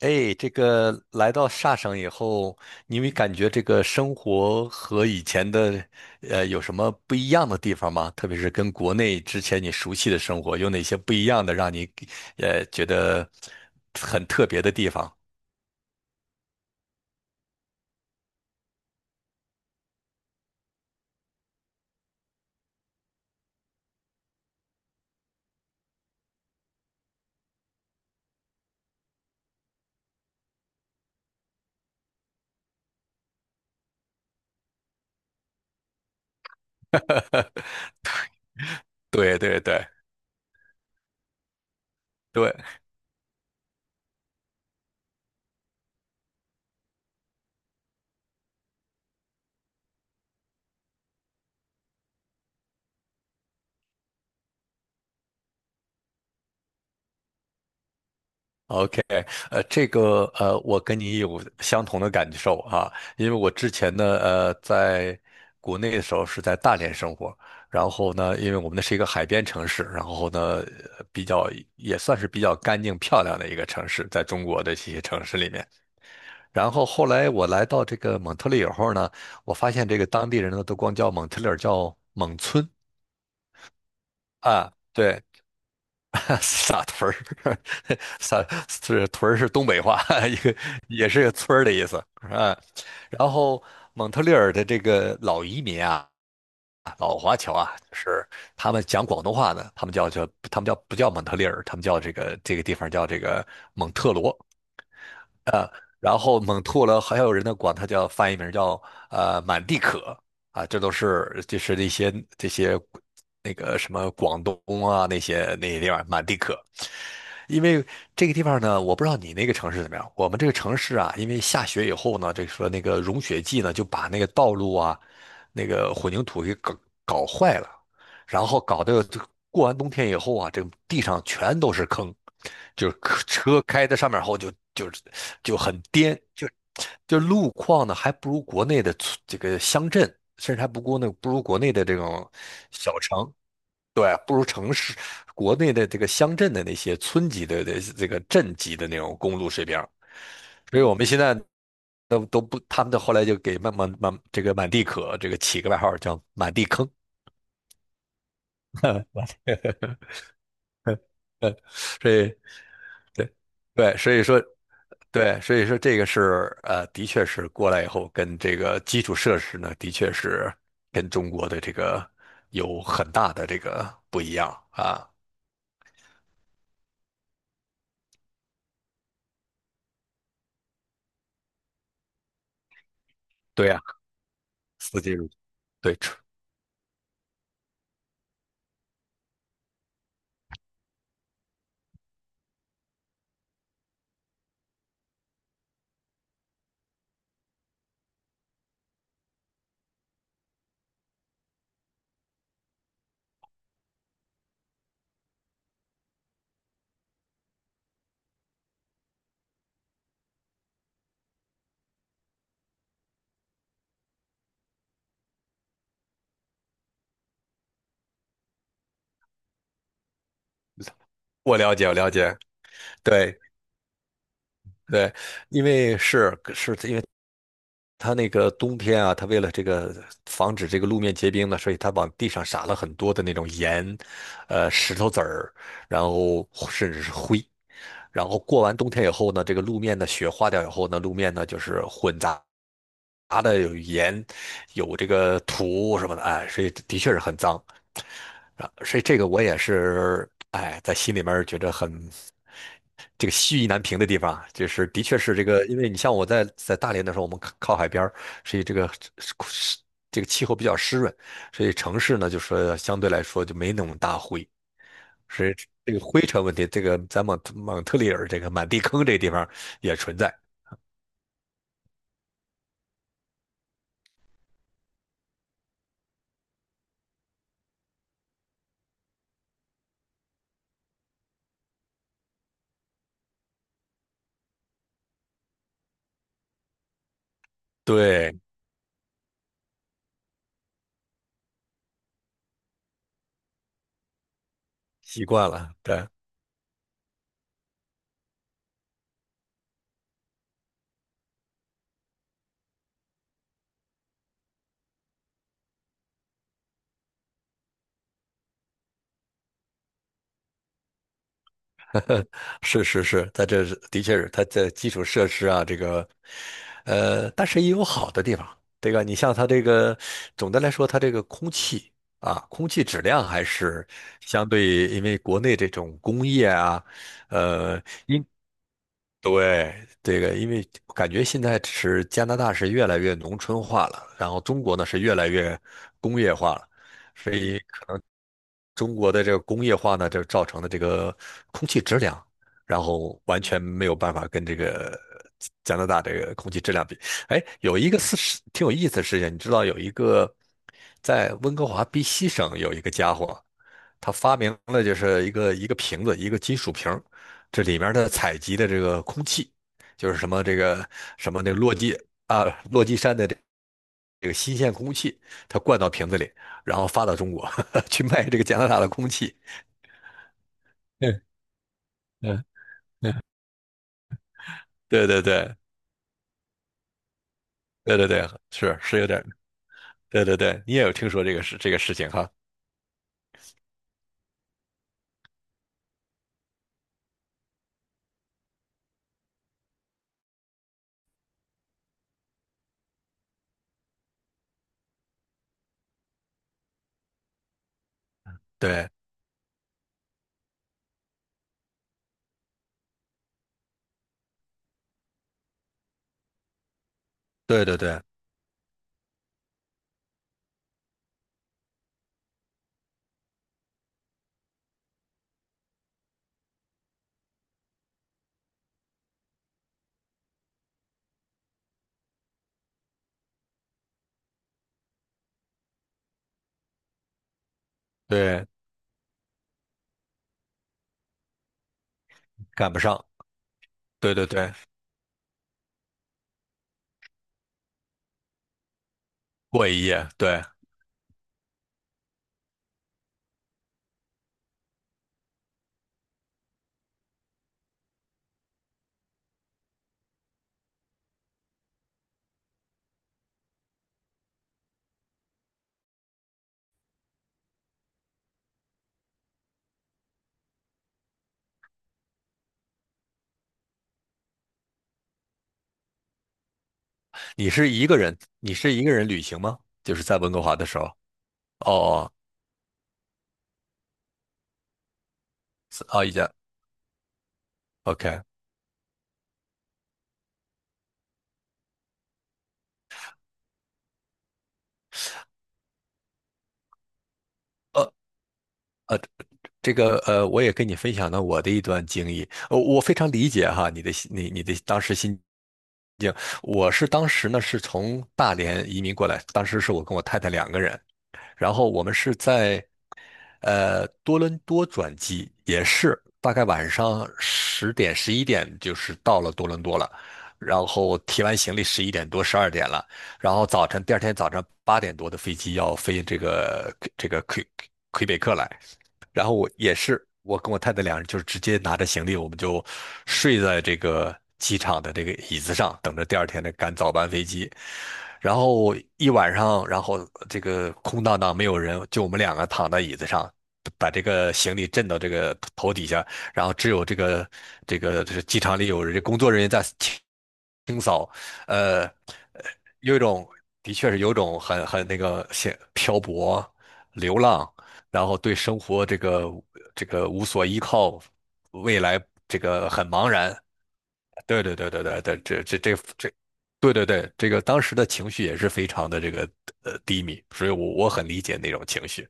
哎，这个来到萨省以后，你没感觉这个生活和以前的，有什么不一样的地方吗？特别是跟国内之前你熟悉的生活，有哪些不一样的让你，觉得很特别的地方？对对对对，OK。这个我跟你有相同的感受啊。因为我之前呢，在国内的时候是在大连生活。然后呢，因为我们那是一个海边城市。然后呢，比较也算是比较干净漂亮的一个城市，在中国的这些城市里面。然后后来我来到这个蒙特利尔后呢，我发现这个当地人呢都光叫蒙特利尔叫蒙村。啊，对，撒屯儿，撒是屯儿是东北话，一个也是个村儿的意思啊。然后蒙特利尔的这个老移民啊，老华侨啊，就是他们讲广东话呢，他们不叫蒙特利尔，他们叫这个地方叫这个蒙特罗，然后猛吐了。还有人呢管它叫翻译名叫满地可。啊，这都是就是那些这些那个什么广东啊，那些地方满地可。因为这个地方呢，我不知道你那个城市怎么样，我们这个城市啊，因为下雪以后呢，这说那个融雪剂呢就把那个道路啊，那个混凝土给搞坏了。然后搞得就过完冬天以后啊，这个地上全都是坑，就是车开在上面后就很颠，就路况呢还不如国内的村这个乡镇，甚至还不过那不如国内的这种小城。对，不如城市，国内的这个乡镇的那些村级的这个镇级的那种公路水平。所以我们现在都不，他们的后来就给慢慢满这个满地可这个起个外号叫满地坑。呃，所以对对，所以说对，所以说这个是的确是过来以后跟这个基础设施呢，的确是跟中国的这个有很大的这个不一样啊。对呀，四季对，我了解，我了解，对对。因为是因为，它那个冬天啊，它为了这个防止这个路面结冰呢，所以它往地上撒了很多的那种盐，石头子儿，然后甚至是灰。然后过完冬天以后呢，这个路面的雪化掉以后呢，路面呢就是混杂的有盐，有这个土什么的。哎，所以的确是很脏啊。所以这个我也是，哎，在心里面觉得很这个西意难平的地方啊，就是的确是这个，因为你像我在大连的时候，我们靠海边儿，所以这个气候比较湿润。所以城市呢，就是相对来说就没那么大灰。所以这个灰尘问题，这个在蒙特利尔这个满地坑这地方也存在。对，习惯了，对。呃是是是，它这是的确是它这基础设施啊，这个，但是也有好的地方。这个你像它这个，总的来说，它这个空气啊，空气质量还是相对。因为国内这种工业啊，呃，因对这个，因为感觉现在是加拿大是越来越农村化了，然后中国呢是越来越工业化了。所以中国的这个工业化呢，就造成的这个空气质量，然后完全没有办法跟这个加拿大这个空气质量比。哎，有一个事实挺有意思的事情。你知道有一个在温哥华 BC 省有一个家伙，他发明了就是一个瓶子，一个金属瓶，这里面的采集的这个空气，就是什么这个什么那个啊落基山的这个新鲜空气，它灌到瓶子里，然后发到中国 去卖这个加拿大的空气。嗯嗯嗯。对对对对对对，是是有点。对对对，你也有听说这个事情哈？对对对对对，赶不上，对对对，过一夜，对。你是一个人旅行吗？就是在温哥华的时候，哦哦，是哦，一家，OK。呃，这个我也跟你分享了我的一段经历。我非常理解哈你的当时心境。我是当时呢是从大连移民过来，当时是我跟我太太两个人。然后我们是在多伦多转机，也是大概晚上10点11点就是到了多伦多了。然后提完行李11点多12点了，然后早晨第二天早上8点多的飞机要飞这个魁北克来。然后我也是，我跟我太太两人就是直接拿着行李，我们就睡在这个机场的这个椅子上，等着第二天的赶早班飞机。然后一晚上，然后这个空荡荡没有人，就我们两个躺在椅子上，把这个行李震到这个头底下。然后只有这个机场里有人，工作人员在清扫。呃，呃有一种的确是有一种很那个像漂泊流浪。然后对生活这个无所依靠，未来这个很茫然。对对对对对对，这这这这，对对对，这个当时的情绪也是非常的这个低迷，所以我很理解那种情绪。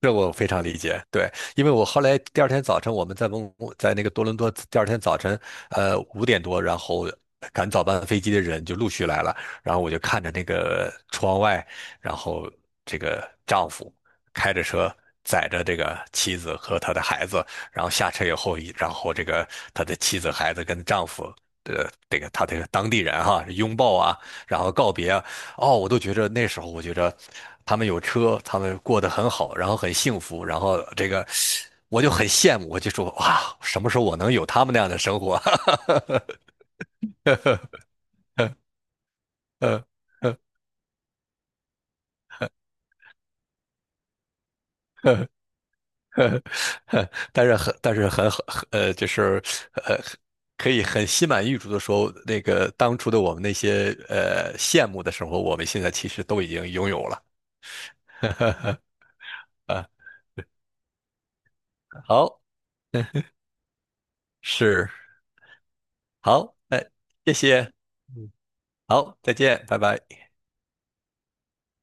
这我非常理解，对。因为我后来第二天早晨，我们在蒙古在那个多伦多，第二天早晨，5点多，然后赶早班飞机的人就陆续来了，然后我就看着那个窗外，然后这个丈夫开着车载着这个妻子和他的孩子，然后下车以后，然后这个他的妻子、孩子跟丈夫。这个他这个当地人哈，拥抱啊，然后告别啊。哦，我都觉着那时候，我觉着他们有车，他们过得很好，然后很幸福，然后这个我就很羡慕，我就说哇，什么时候我能有他们那样的生活？呃呃呃呃呃但是很但是很很呃，就是呃，可以很心满意足的说，那个当初的我们那些羡慕的生活，我们现在其实都已经拥有了。啊，好，是好，哎，谢谢，嗯，好，再见，拜拜。